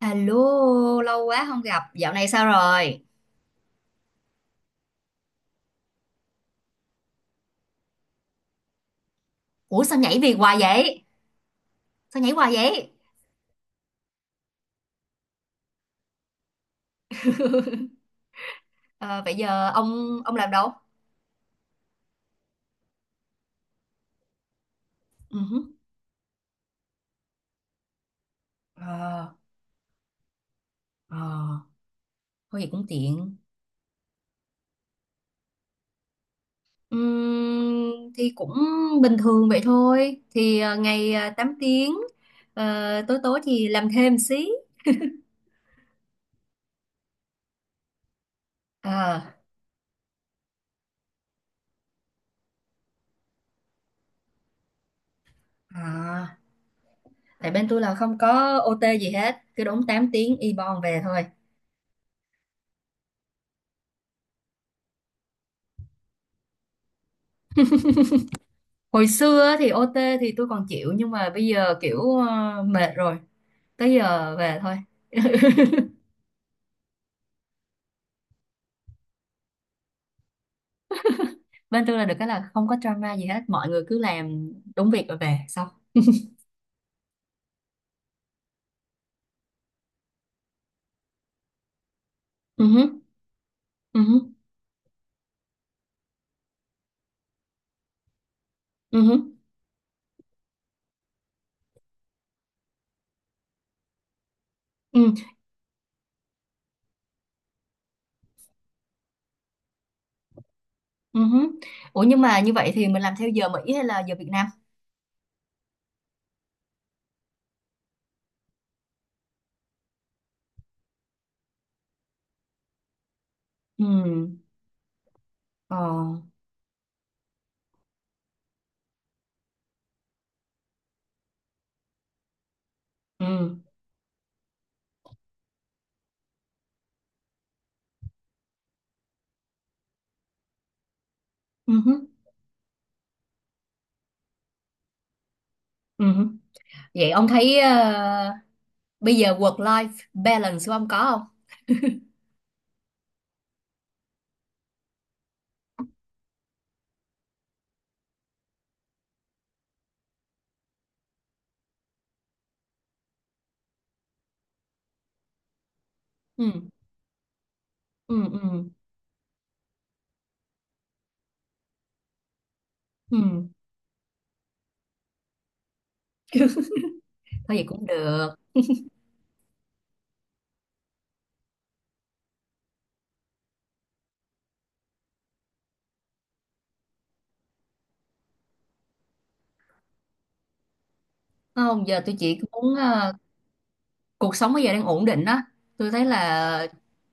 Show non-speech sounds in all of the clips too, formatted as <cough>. Alo, lâu quá không gặp, dạo này sao rồi? Ủa sao nhảy việc hoài vậy? Sao nhảy hoài vậy? Ờ, Vậy giờ ông làm đâu? Ừ hứ. Ờ, ờ, Thôi vậy cũng tiện. Thì cũng bình thường vậy thôi. Thì ngày 8 tiếng, tối tối thì làm thêm xí. Ờ, à, Tại bên tôi là không có OT gì hết, cứ đúng 8 tiếng y bon về thôi. Hồi xưa thì OT thì tôi còn chịu nhưng mà bây giờ kiểu mệt rồi, tới giờ về thôi. Bên tôi là được cái là không có drama gì hết, mọi người cứ làm đúng việc rồi về xong. Ừ hứ. Ừ hứ. Ừ hứ. Ừ. Ừ hứ. Ủa nhưng mà như vậy thì mình làm theo giờ Mỹ hay là giờ Việt Nam? Ừ. Ờ. Ừ. Ừ hứ. Ừ hứ. Vậy ông thấy bây giờ work life balance của ông có không? Ừ. Ừ. Ừ. Ừ. Thôi vậy cũng được. Không, giờ tôi chỉ muốn cuộc sống bây giờ đang ổn định á. Tôi thấy là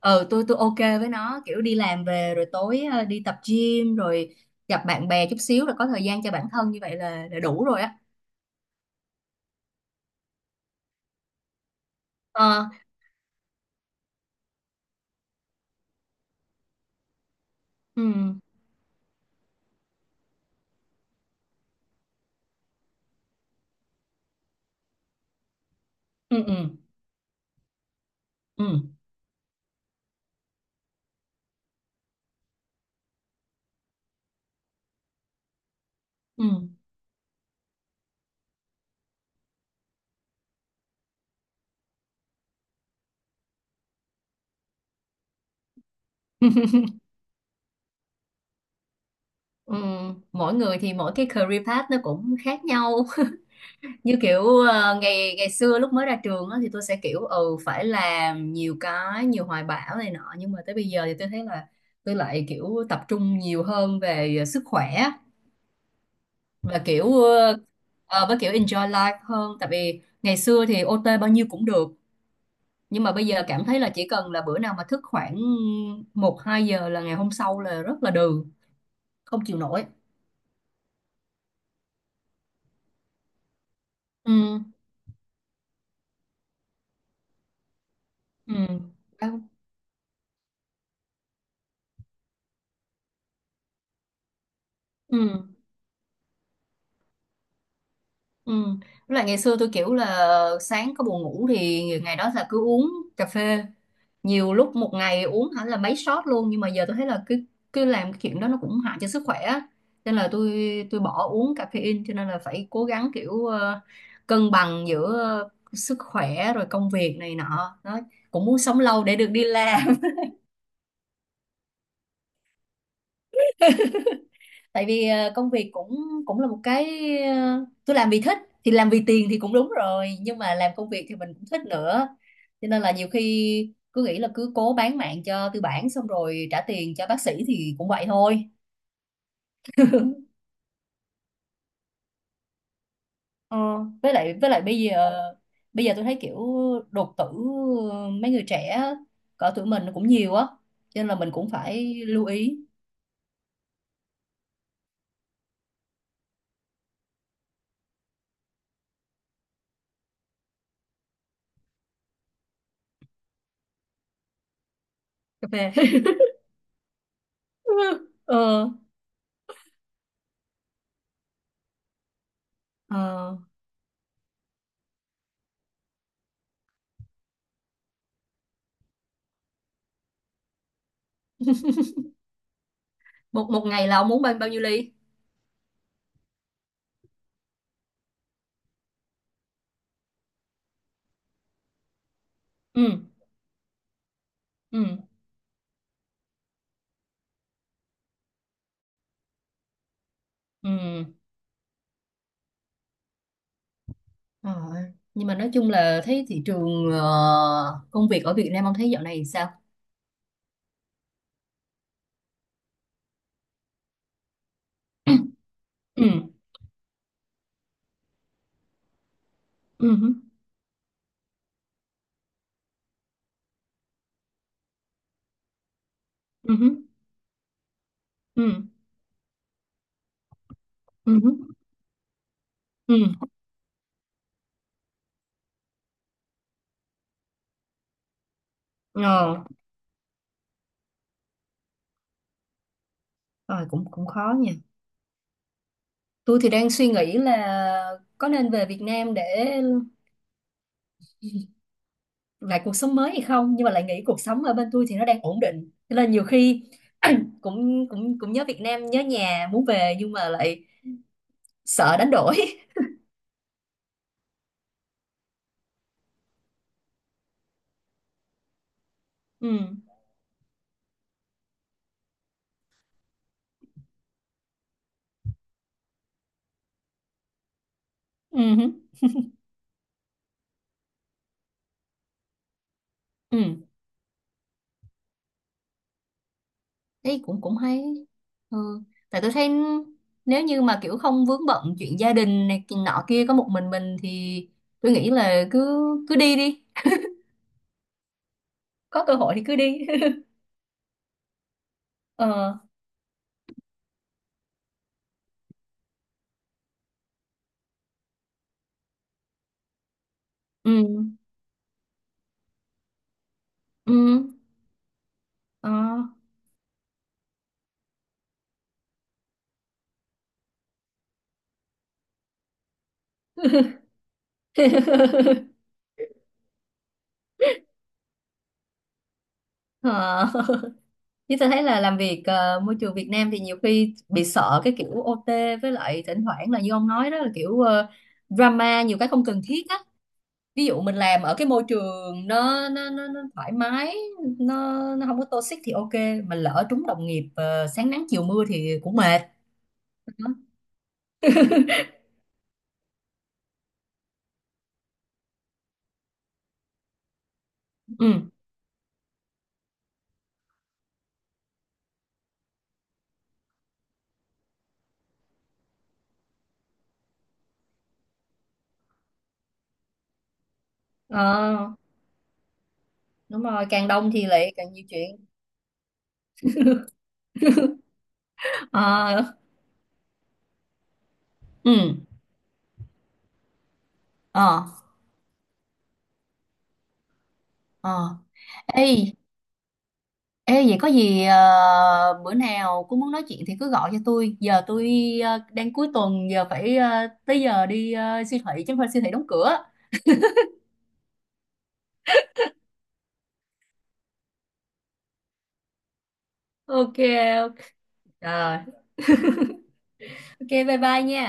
tôi ok với nó, kiểu đi làm về rồi tối đi tập gym rồi gặp bạn bè chút xíu rồi có thời gian cho bản thân, như vậy là đủ rồi á. Ờ. Ừ. Ừ. Ừ. Ừ. Ừ. Ừ. Mỗi người thì mỗi cái career path nó cũng khác nhau. <laughs> Như kiểu ngày ngày xưa lúc mới ra trường á, thì tôi sẽ kiểu phải làm nhiều cái, nhiều hoài bão này nọ nhưng mà tới bây giờ thì tôi thấy là tôi lại kiểu tập trung nhiều hơn về sức khỏe và kiểu với kiểu enjoy life hơn, tại vì ngày xưa thì OT bao nhiêu cũng được nhưng mà bây giờ cảm thấy là chỉ cần là bữa nào mà thức khoảng một hai giờ là ngày hôm sau là rất là đừ, không chịu nổi. Ừ. Ừ. Ừ. Ừ. Với lại ngày xưa tôi kiểu là sáng có buồn ngủ thì ngày đó là cứ uống cà phê, nhiều lúc một ngày uống hẳn là mấy shot luôn, nhưng mà giờ tôi thấy là cứ cứ làm cái chuyện đó nó cũng hại cho sức khỏe á. Nên là tôi bỏ uống caffeine, cho nên là phải cố gắng kiểu cân bằng giữa sức khỏe rồi công việc này nọ đó, cũng muốn sống lâu để được đi làm. Tại vì công việc cũng cũng là một cái, tôi làm vì thích, thì làm vì tiền thì cũng đúng rồi nhưng mà làm công việc thì mình cũng thích nữa, cho nên là nhiều khi cứ nghĩ là cứ cố bán mạng cho tư bản xong rồi trả tiền cho bác sĩ thì cũng vậy thôi. ờ, với lại bây giờ tôi thấy kiểu đột tử mấy người trẻ cỡ tuổi mình cũng nhiều á, cho nên là mình cũng phải lưu ý. Cà phê. <laughs> ờ, ờ. một một ngày là ông muốn bao bao nhiêu ly? Ừ. Ừ. Ừ. Ờ, nhưng mà nói chung là thấy thị trường công việc ở Việt Nam ông thấy dạo này sao? Ừ. Ừ. Ừ. Ừ. Ừ. Ừ. Ừ. Ờ, ờ, cũng cũng khó nha. Tôi thì đang suy nghĩ là có nên về Việt Nam để lại cuộc sống mới hay không, nhưng mà lại nghĩ cuộc sống ở bên tôi thì nó đang ổn định. Cho nên nhiều khi <clears throat> cũng cũng cũng nhớ Việt Nam, nhớ nhà, muốn về nhưng mà lại sợ đánh đổi. <laughs> Ừ. Ừ. Ừ. Ý cũng cũng hay. Ừ. Tại tôi thấy nếu như mà kiểu không vướng bận chuyện gia đình này chuyện nọ kia, có một mình thì tôi nghĩ là cứ cứ đi đi, có cơ hội thì cứ đi. <laughs> Ờ. Ừ. Ừ. Ờ. Ờ. <laughs> Chứ tôi thấy là làm việc môi trường Việt Nam thì nhiều khi bị sợ cái kiểu OT, với lại thỉnh thoảng là như ông nói đó là kiểu drama nhiều cái không cần thiết á. Ví dụ mình làm ở cái môi trường nó thoải mái, nó không có toxic thì ok, mình lỡ trúng đồng nghiệp sáng nắng chiều mưa thì cũng mệt. Ừ. Ờ, Đúng rồi, càng đông thì lại càng nhiều chuyện. Ờ. Ừ. Ờ. Ờ. Ê, ê, vậy có gì bữa nào cũng muốn nói chuyện thì cứ gọi cho tôi. Giờ tôi đang cuối tuần, giờ phải tới giờ đi siêu thị, chứ không phải siêu thị đóng cửa. Ok. Ok. Rồi, ok bye bye nha.